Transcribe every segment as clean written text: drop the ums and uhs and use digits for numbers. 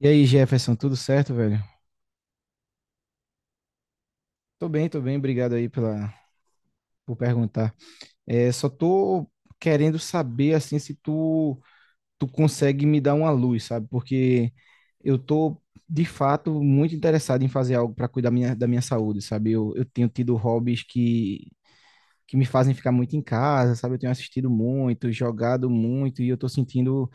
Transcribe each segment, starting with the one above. E aí, Jefferson, tudo certo, velho? Tô bem, obrigado aí por perguntar. É, só tô querendo saber, assim, se tu consegue me dar uma luz, sabe? Porque eu tô, de fato, muito interessado em fazer algo para cuidar da minha saúde, sabe? Eu tenho tido hobbies que me fazem ficar muito em casa, sabe? Eu tenho assistido muito, jogado muito, e eu tô sentindo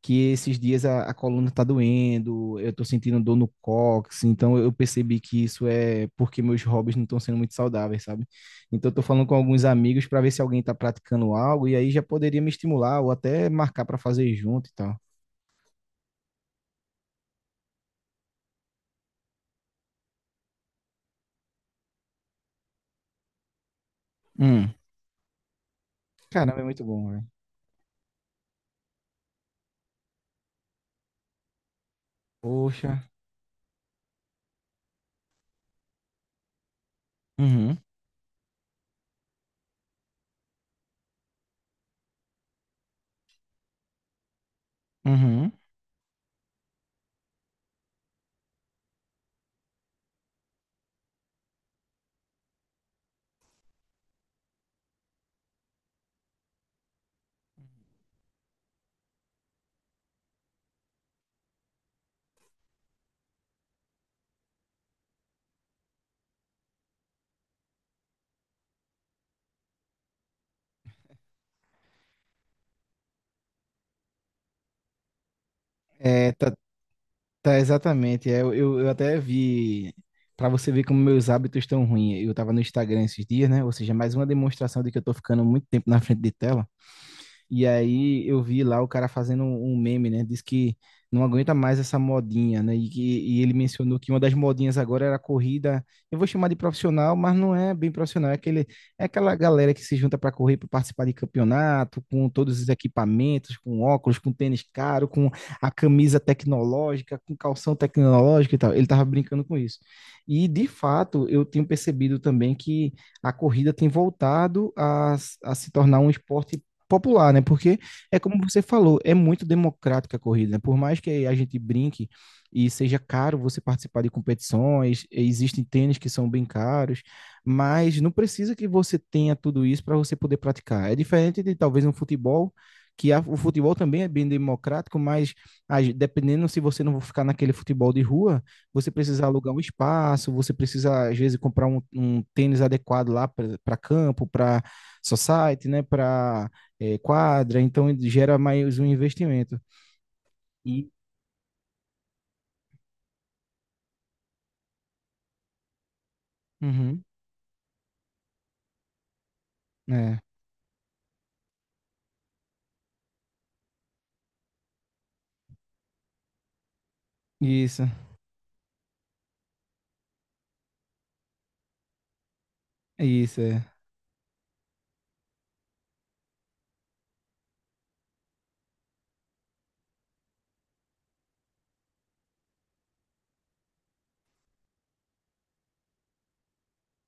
que esses dias a coluna tá doendo, eu tô sentindo dor no cóccix, então eu percebi que isso é porque meus hobbies não estão sendo muito saudáveis, sabe? Então eu tô falando com alguns amigos para ver se alguém tá praticando algo e aí já poderia me estimular ou até marcar para fazer junto e tal. Hum, caramba, é muito bom, velho. Poxa. Uhum, uhum. É, tá, tá exatamente. É, eu, eu até vi, para você ver como meus hábitos estão ruins. Eu tava no Instagram esses dias, né? Ou seja, mais uma demonstração de que eu tô ficando muito tempo na frente de tela. E aí eu vi lá o cara fazendo um meme, né? Diz que não aguenta mais essa modinha, né? E ele mencionou que uma das modinhas agora era a corrida. Eu vou chamar de profissional, mas não é bem profissional. É aquela galera que se junta para correr, para participar de campeonato, com todos os equipamentos, com óculos, com tênis caro, com a camisa tecnológica, com calção tecnológico e tal. Ele tava brincando com isso. E de fato, eu tenho percebido também que a corrida tem voltado a se tornar um esporte popular, né? Porque é como você falou, é muito democrática a corrida, né? Por mais que a gente brinque e seja caro você participar de competições, existem tênis que são bem caros, mas não precisa que você tenha tudo isso para você poder praticar. É diferente de talvez um futebol que o futebol também é bem democrático, mas dependendo se você não ficar naquele futebol de rua, você precisa alugar um espaço, você precisa às vezes comprar um tênis adequado lá para campo, para society, né, para quadra, então gera mais um investimento. E Uhum. É, isso, isso, é.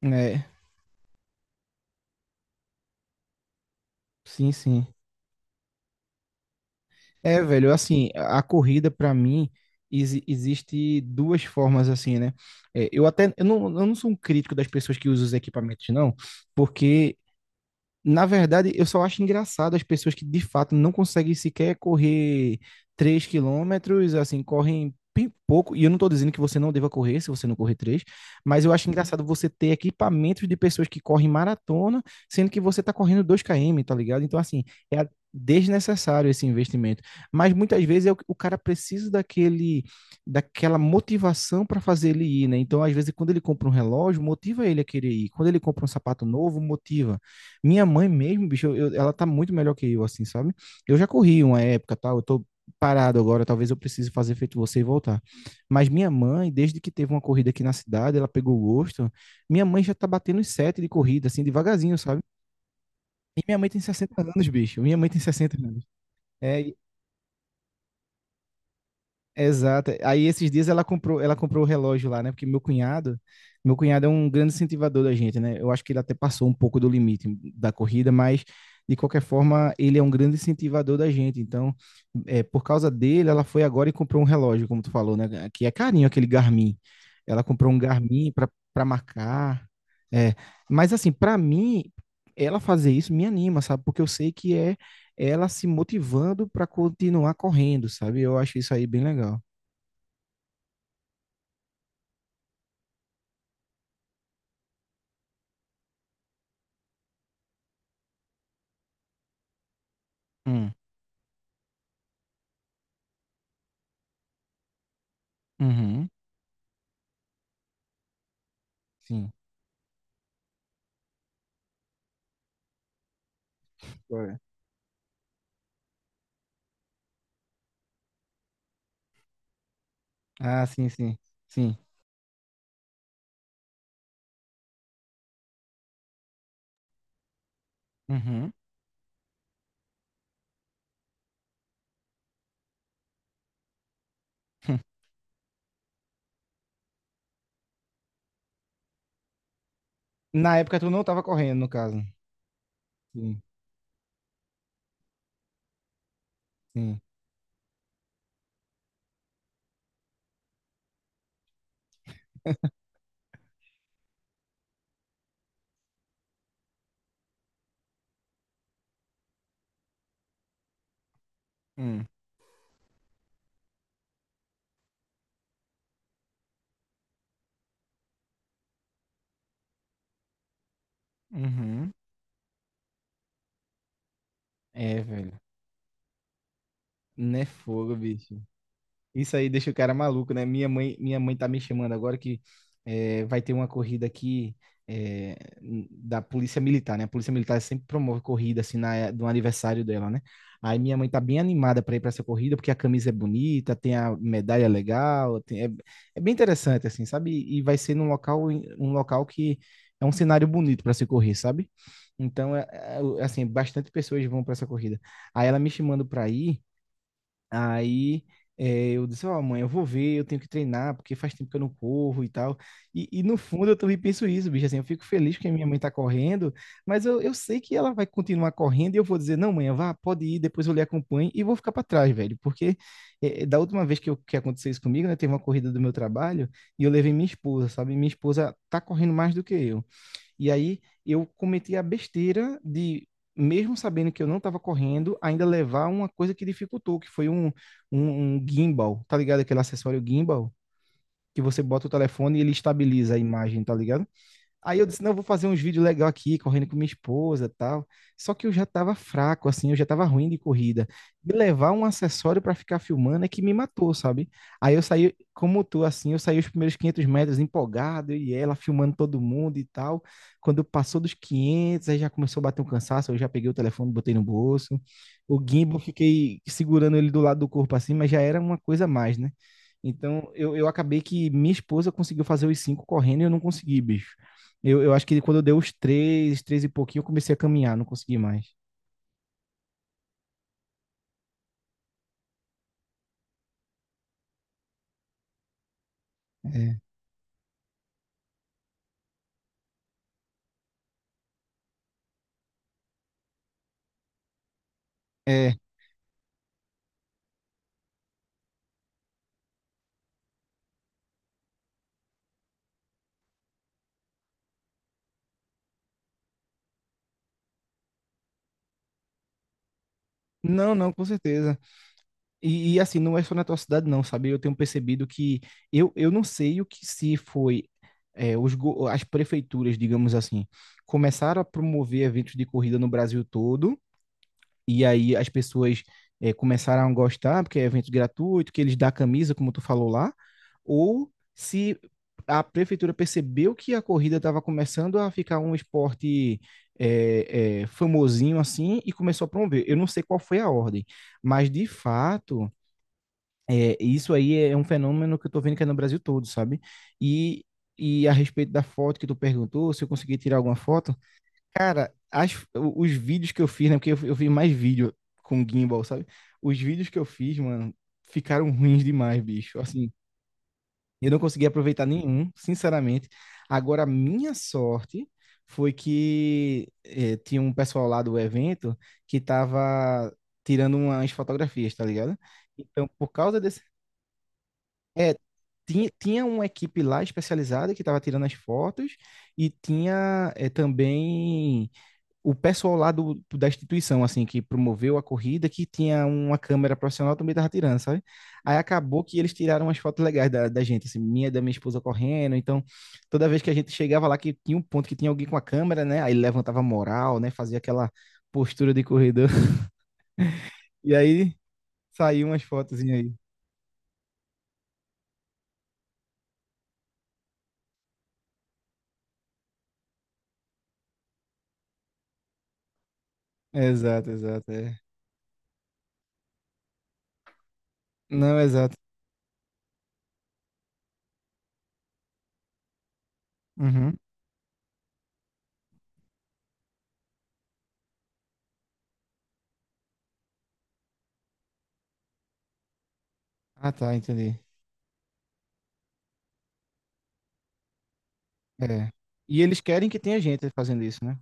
É, sim, sim. É, velho, assim, a corrida pra mim existe duas formas assim, né? É, eu até eu não sou um crítico das pessoas que usam os equipamentos, não, porque na verdade, eu só acho engraçado as pessoas que de fato não conseguem sequer correr 3 quilômetros, assim, correm bem pouco. E eu não estou dizendo que você não deva correr se você não correr três, mas eu acho engraçado você ter equipamentos de pessoas que correm maratona, sendo que você está correndo 2 km, tá ligado? Então, assim, é a- desnecessário esse investimento. Mas muitas vezes é o cara precisa daquele, daquela motivação para fazer ele ir, né? Então, às vezes, quando ele compra um relógio, motiva ele a querer ir. Quando ele compra um sapato novo, motiva. Minha mãe mesmo, bicho, ela tá muito melhor que eu, assim, sabe? Eu já corri uma época, tal, eu tô parado agora, talvez eu precise fazer feito você e voltar. Mas minha mãe, desde que teve uma corrida aqui na cidade, ela pegou o gosto. Minha mãe já tá batendo os sete de corrida, assim, devagarzinho, sabe? E minha mãe tem 60 anos, bicho. Minha mãe tem sessenta anos. É, exato. Aí esses dias ela comprou o relógio lá, né? Porque meu cunhado é um grande incentivador da gente, né? Eu acho que ele até passou um pouco do limite da corrida, mas de qualquer forma ele é um grande incentivador da gente. Então, é, por causa dele, ela foi agora e comprou um relógio, como tu falou, né? Que é carinho aquele Garmin. Ela comprou um Garmin para marcar. É, mas assim, para mim, ela fazer isso me anima, sabe? Porque eu sei que é ela se motivando para continuar correndo, sabe? Eu acho isso aí bem legal. Hum, uhum, sim. Agora. Ah, sim, sim, sim. Uhum. Na época tu não tava correndo, no caso. Sim, sim. Hum, uhum. É, velho. Não é fogo, bicho. Isso aí deixa o cara maluco, né? Minha mãe tá me chamando agora que vai ter uma corrida aqui eh, da Polícia Militar, né? A Polícia Militar sempre promove corrida assim na, eh, do aniversário dela, né? Aí minha mãe tá bem animada para ir para essa corrida porque a camisa é bonita, tem a medalha legal, é é bem interessante assim, sabe? E vai ser num local, um local que é um cenário bonito para se correr, sabe? Então é, é, assim, bastante pessoas vão para essa corrida. Aí ela me chamando para ir. Aí eu disse, ó, mãe, eu vou ver, eu tenho que treinar, porque faz tempo que eu não corro e tal. E no fundo eu também penso isso, bicho, assim, eu fico feliz que a minha mãe tá correndo, mas eu sei que ela vai continuar correndo e eu vou dizer, não, mãe, vá, pode ir, depois eu lhe acompanho e vou ficar para trás, velho, porque da última vez que, que aconteceu isso comigo, né, teve uma corrida do meu trabalho e eu levei minha esposa, sabe? Minha esposa tá correndo mais do que eu. E aí eu cometi a besteira de, mesmo sabendo que eu não estava correndo, ainda levar uma coisa que dificultou, que foi um gimbal, tá ligado? Aquele acessório gimbal que você bota o telefone e ele estabiliza a imagem, tá ligado? Aí eu disse, não, eu vou fazer uns vídeos legais aqui, correndo com minha esposa e tal. Só que eu já tava fraco, assim, eu já tava ruim de corrida. Me levar um acessório para ficar filmando é que me matou, sabe? Aí eu saí, como tu, assim, eu saí os primeiros 500 metros empolgado, e ela filmando todo mundo e tal. Quando passou dos 500, aí já começou a bater um cansaço, eu já peguei o telefone, botei no bolso. O gimbal, fiquei segurando ele do lado do corpo, assim, mas já era uma coisa a mais, né? Então, eu acabei que minha esposa conseguiu fazer os cinco correndo e eu não consegui, bicho. Eu acho que quando eu dei os três, três e pouquinho, eu comecei a caminhar, não consegui mais. É. É. Não, não, com certeza. E, assim, não é só na tua cidade, não, sabe? Eu tenho percebido que eu não sei o que se foi as prefeituras, digamos assim, começaram a promover eventos de corrida no Brasil todo. E aí as pessoas é, começaram a gostar, porque é evento gratuito, que eles dão camisa, como tu falou lá, ou se a prefeitura percebeu que a corrida estava começando a ficar um esporte é, é, famosinho assim e começou a promover. Eu não sei qual foi a ordem, mas de fato, é, isso aí é um fenômeno que eu estou vendo que é no Brasil todo, sabe? E, e a respeito da foto que tu perguntou, se eu conseguir tirar alguma foto, cara, os vídeos que eu fiz, né? Porque eu fiz mais vídeo com gimbal, sabe? Os vídeos que eu fiz, mano, ficaram ruins demais, bicho. Assim, eu não consegui aproveitar nenhum, sinceramente. Agora, a minha sorte foi que eh, tinha um pessoal lá do evento que tava tirando umas fotografias, tá ligado? Então, por causa desse é, tinha uma equipe lá especializada que estava tirando as fotos e tinha também o pessoal lá da instituição, assim, que promoveu a corrida, que tinha uma câmera profissional, também tava tirando, sabe? Aí acabou que eles tiraram umas fotos legais da gente, assim, minha e da minha esposa correndo. Então, toda vez que a gente chegava lá, que tinha um ponto que tinha alguém com a câmera, né? Aí levantava a moral, né? Fazia aquela postura de corredor. E aí saiu umas fotos aí. Exato, exato. É. Não, exato. Uhum. Ah, tá, entendi. É. E eles querem que tenha gente fazendo isso, né?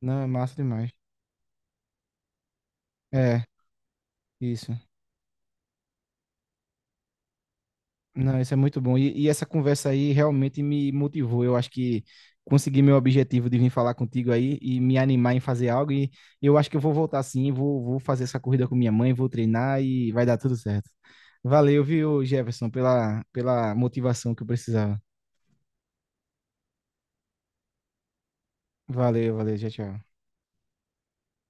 Não, é massa demais. É, isso. Não, isso é muito bom. E essa conversa aí realmente me motivou. Eu acho que consegui meu objetivo de vir falar contigo aí e me animar em fazer algo. E eu acho que eu vou voltar sim, vou, vou fazer essa corrida com minha mãe, vou treinar e vai dar tudo certo. Valeu, viu, Jefferson, pela motivação que eu precisava. Valeu, valeu, tchau, tchau.